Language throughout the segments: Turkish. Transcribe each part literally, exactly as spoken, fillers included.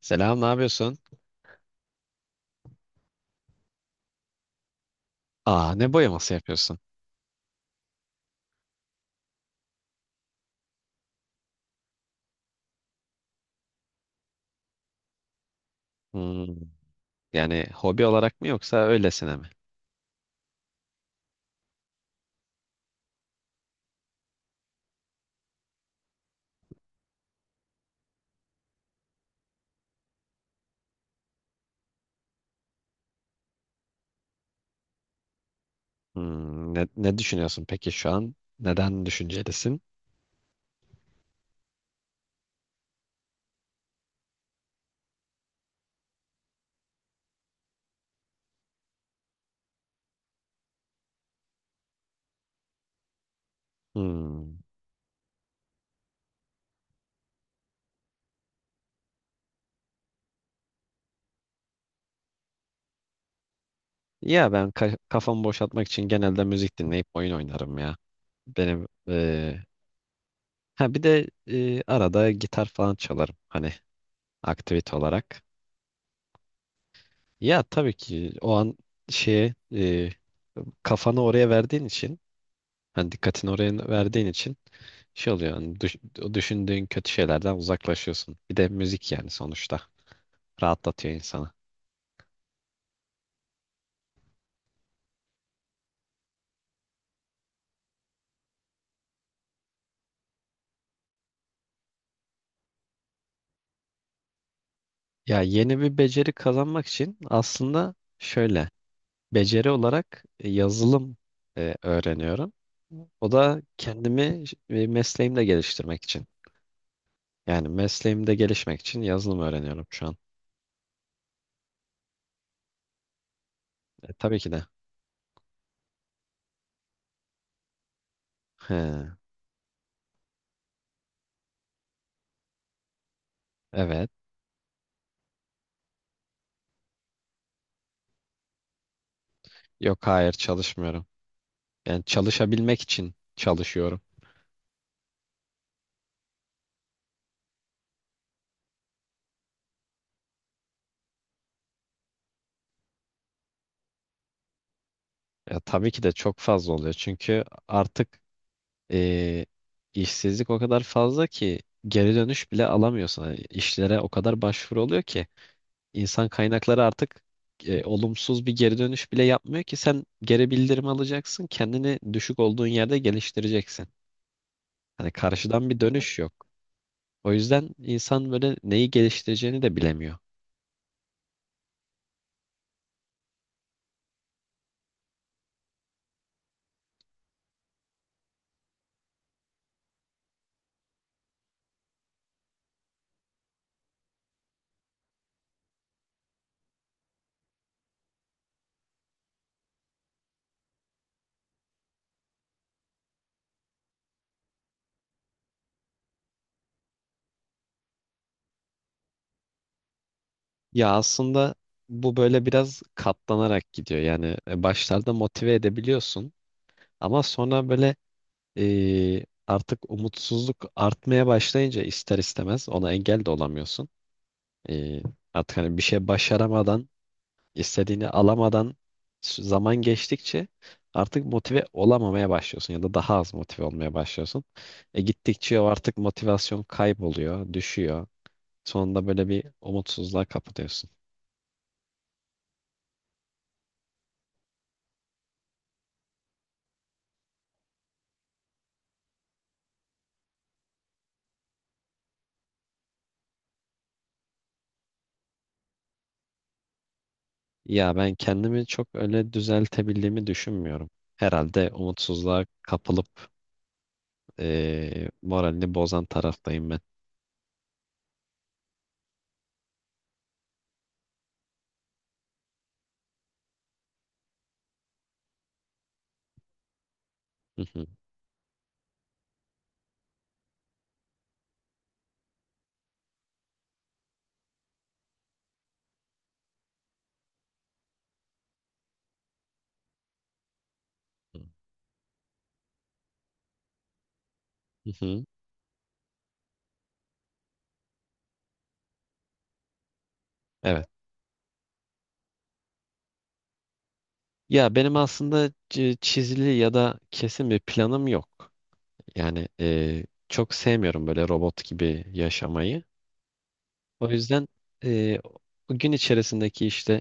Selam, ne yapıyorsun? Aa, ne boyaması yapıyorsun? Hmm, yani hobi olarak mı yoksa öylesine mi? Hmm, ne, ne düşünüyorsun peki şu an? Neden düşüncelisin? Hmm. Ya ben ka- kafamı boşaltmak için genelde müzik dinleyip oyun oynarım ya. Benim eee, ha bir de eee, arada gitar falan çalarım hani aktivite olarak. Ya tabii ki o an şeye eee, kafanı oraya verdiğin için, hani dikkatini oraya verdiğin için şey oluyor hani düş- o düşündüğün kötü şeylerden uzaklaşıyorsun. Bir de müzik yani sonuçta rahatlatıyor insanı. Ya yeni bir beceri kazanmak için aslında şöyle beceri olarak e, yazılım e, öğreniyorum. O da kendimi e, mesleğimde geliştirmek için. Yani mesleğimde gelişmek için yazılım öğreniyorum şu an. E, tabii ki de. He, evet. Yok, hayır, çalışmıyorum. Yani çalışabilmek için çalışıyorum. Ya, tabii ki de çok fazla oluyor. Çünkü artık e, işsizlik o kadar fazla ki geri dönüş bile alamıyorsun. Hani işlere o kadar başvuru oluyor ki insan kaynakları artık e, olumsuz bir geri dönüş bile yapmıyor ki sen geri bildirim alacaksın. Kendini düşük olduğun yerde geliştireceksin. Hani karşıdan bir dönüş yok. O yüzden insan böyle neyi geliştireceğini de bilemiyor. Ya aslında bu böyle biraz katlanarak gidiyor. Yani e, başlarda motive edebiliyorsun ama sonra böyle e, artık umutsuzluk artmaya başlayınca ister istemez ona engel de olamıyorsun. E, artık hani bir şey başaramadan, istediğini alamadan s- zaman geçtikçe artık motive olamamaya başlıyorsun ya da daha az motive olmaya başlıyorsun. E, gittikçe o artık motivasyon kayboluyor, düşüyor. Sonunda böyle bir umutsuzluğa kapılıyorsun. Ya ben kendimi çok öyle düzeltebildiğimi düşünmüyorum. Herhalde umutsuzluğa kapılıp eee moralini bozan taraftayım ben. Hı hı, hı hı. Evet. Ya benim aslında çi- çizili ya da kesin bir planım yok. Yani eee, çok sevmiyorum böyle robot gibi yaşamayı. O yüzden eee o gün içerisindeki işte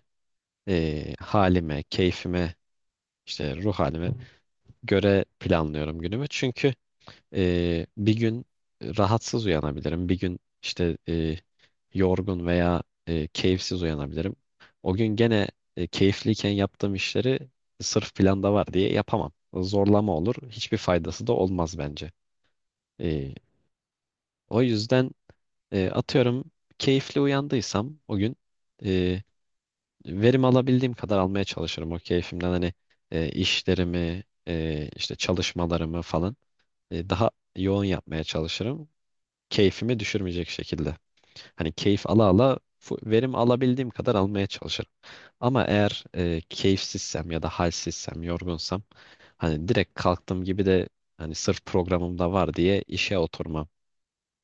eee, halime, keyfime, işte ruh halime göre planlıyorum günümü. Çünkü Ee, bir gün e, rahatsız uyanabilirim. Bir gün işte e, yorgun veya e, keyifsiz uyanabilirim. O gün gene e, keyifliyken yaptığım işleri sırf planda var diye yapamam. Zorlama olur. Hiçbir faydası da olmaz bence. Ee, o yüzden e, atıyorum keyifli uyandıysam o gün e, verim alabildiğim kadar almaya çalışırım. O keyfimden hani e, işlerimi, e, işte çalışmalarımı falan e, daha yoğun yapmaya çalışırım. Keyfimi düşürmeyecek şekilde. Hani keyif ala ala fu- verim alabildiğim kadar almaya çalışırım. Ama eğer e, keyifsizsem ya da halsizsem, yorgunsam hani direkt kalktığım gibi de hani sırf programımda var diye işe oturmam.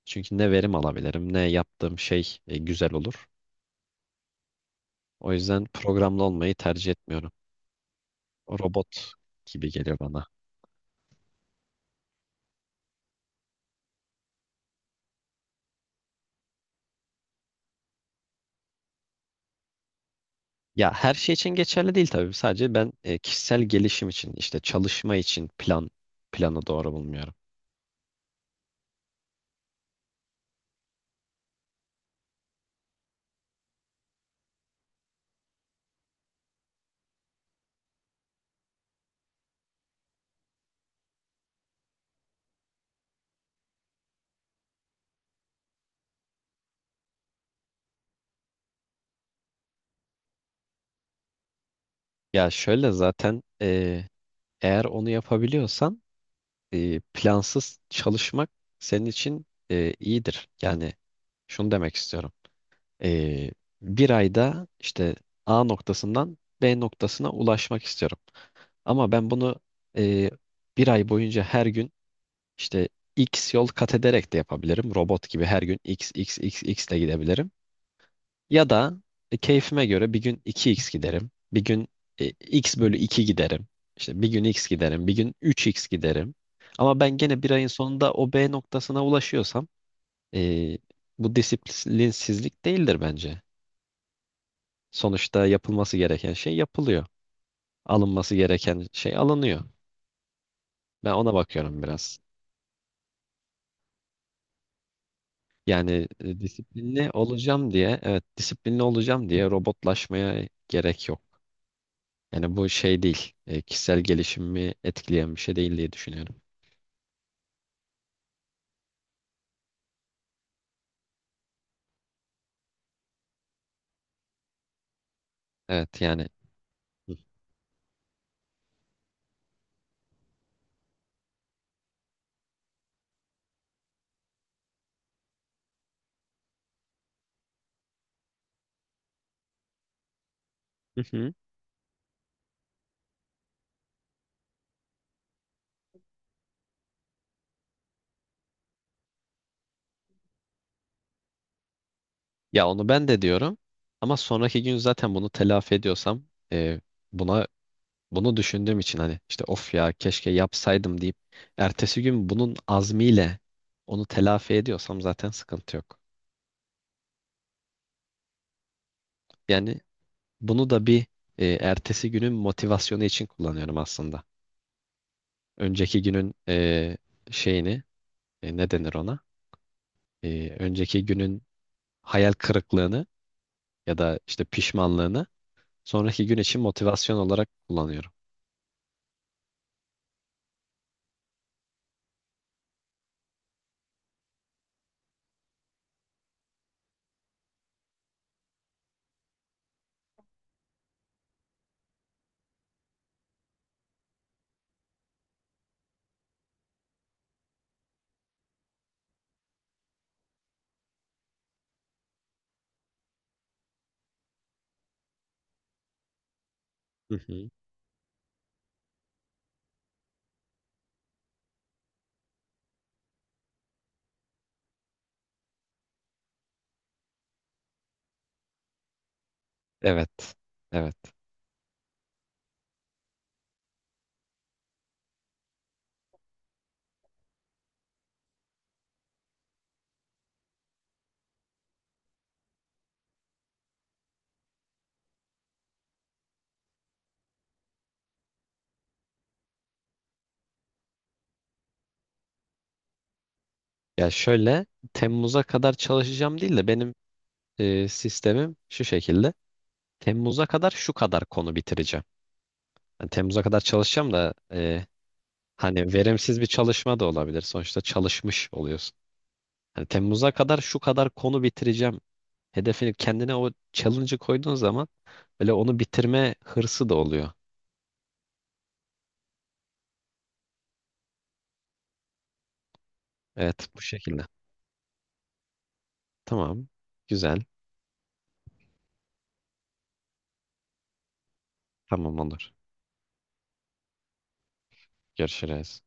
Çünkü ne verim alabilirim ne yaptığım şey e, güzel olur. O yüzden programlı olmayı tercih etmiyorum. Robot gibi geliyor bana. Ya her şey için geçerli değil tabii. Sadece ben e, kişisel gelişim için işte çalışma için plan planı doğru bulmuyorum. Ya şöyle zaten eee, eğer onu yapabiliyorsan eee, plansız çalışmak senin için eee, iyidir. Yani şunu demek istiyorum. Eee, bir ayda işte A noktasından B noktasına ulaşmak istiyorum. Ama ben bunu eee, bir ay boyunca her gün işte X yol kat ederek de yapabilirim. Robot gibi her gün X, X, X, X ile gidebilirim. Ya da e, keyfime göre bir gün iki x giderim. Bir gün e, x bölü iki giderim. İşte bir gün x giderim. Bir gün üç x giderim. Ama ben gene bir ayın sonunda o B noktasına ulaşıyorsam e, bu disiplinsizlik değildir bence. Sonuçta yapılması gereken şey yapılıyor. Alınması gereken şey alınıyor. Ben ona bakıyorum biraz. Yani e, disiplinli olacağım diye, evet disiplinli olacağım diye robotlaşmaya gerek yok. Yani bu şey değil. e, kişisel gelişimimi etkileyen bir şey değil diye düşünüyorum. Evet yani. Hı. Hı hı. Ya onu ben de diyorum. Ama sonraki gün zaten bunu telafi ediyorsam, e, buna bunu düşündüğüm için hani işte of ya keşke yapsaydım deyip ertesi gün bunun azmiyle onu telafi ediyorsam zaten sıkıntı yok. Yani bunu da bir e, ertesi günün motivasyonu için kullanıyorum aslında. Önceki günün e, şeyini e, ne denir ona? E, önceki günün hayal kırıklığını ya da işte pişmanlığını sonraki gün için motivasyon olarak kullanıyorum. Hı hı. Evet. Evet. Ya şöyle Temmuz'a kadar çalışacağım değil de benim e, sistemim şu şekilde. Temmuz'a kadar şu kadar konu bitireceğim. Yani Temmuz'a kadar çalışacağım da e, hani verimsiz bir çalışma da olabilir. Sonuçta çalışmış oluyorsun. Hani Temmuz'a kadar şu kadar konu bitireceğim. Hedefini kendine o challenge'ı koyduğun zaman böyle onu bitirme hırsı da oluyor. Evet bu şekilde. Tamam. Güzel. Tamam olur. Görüşürüz.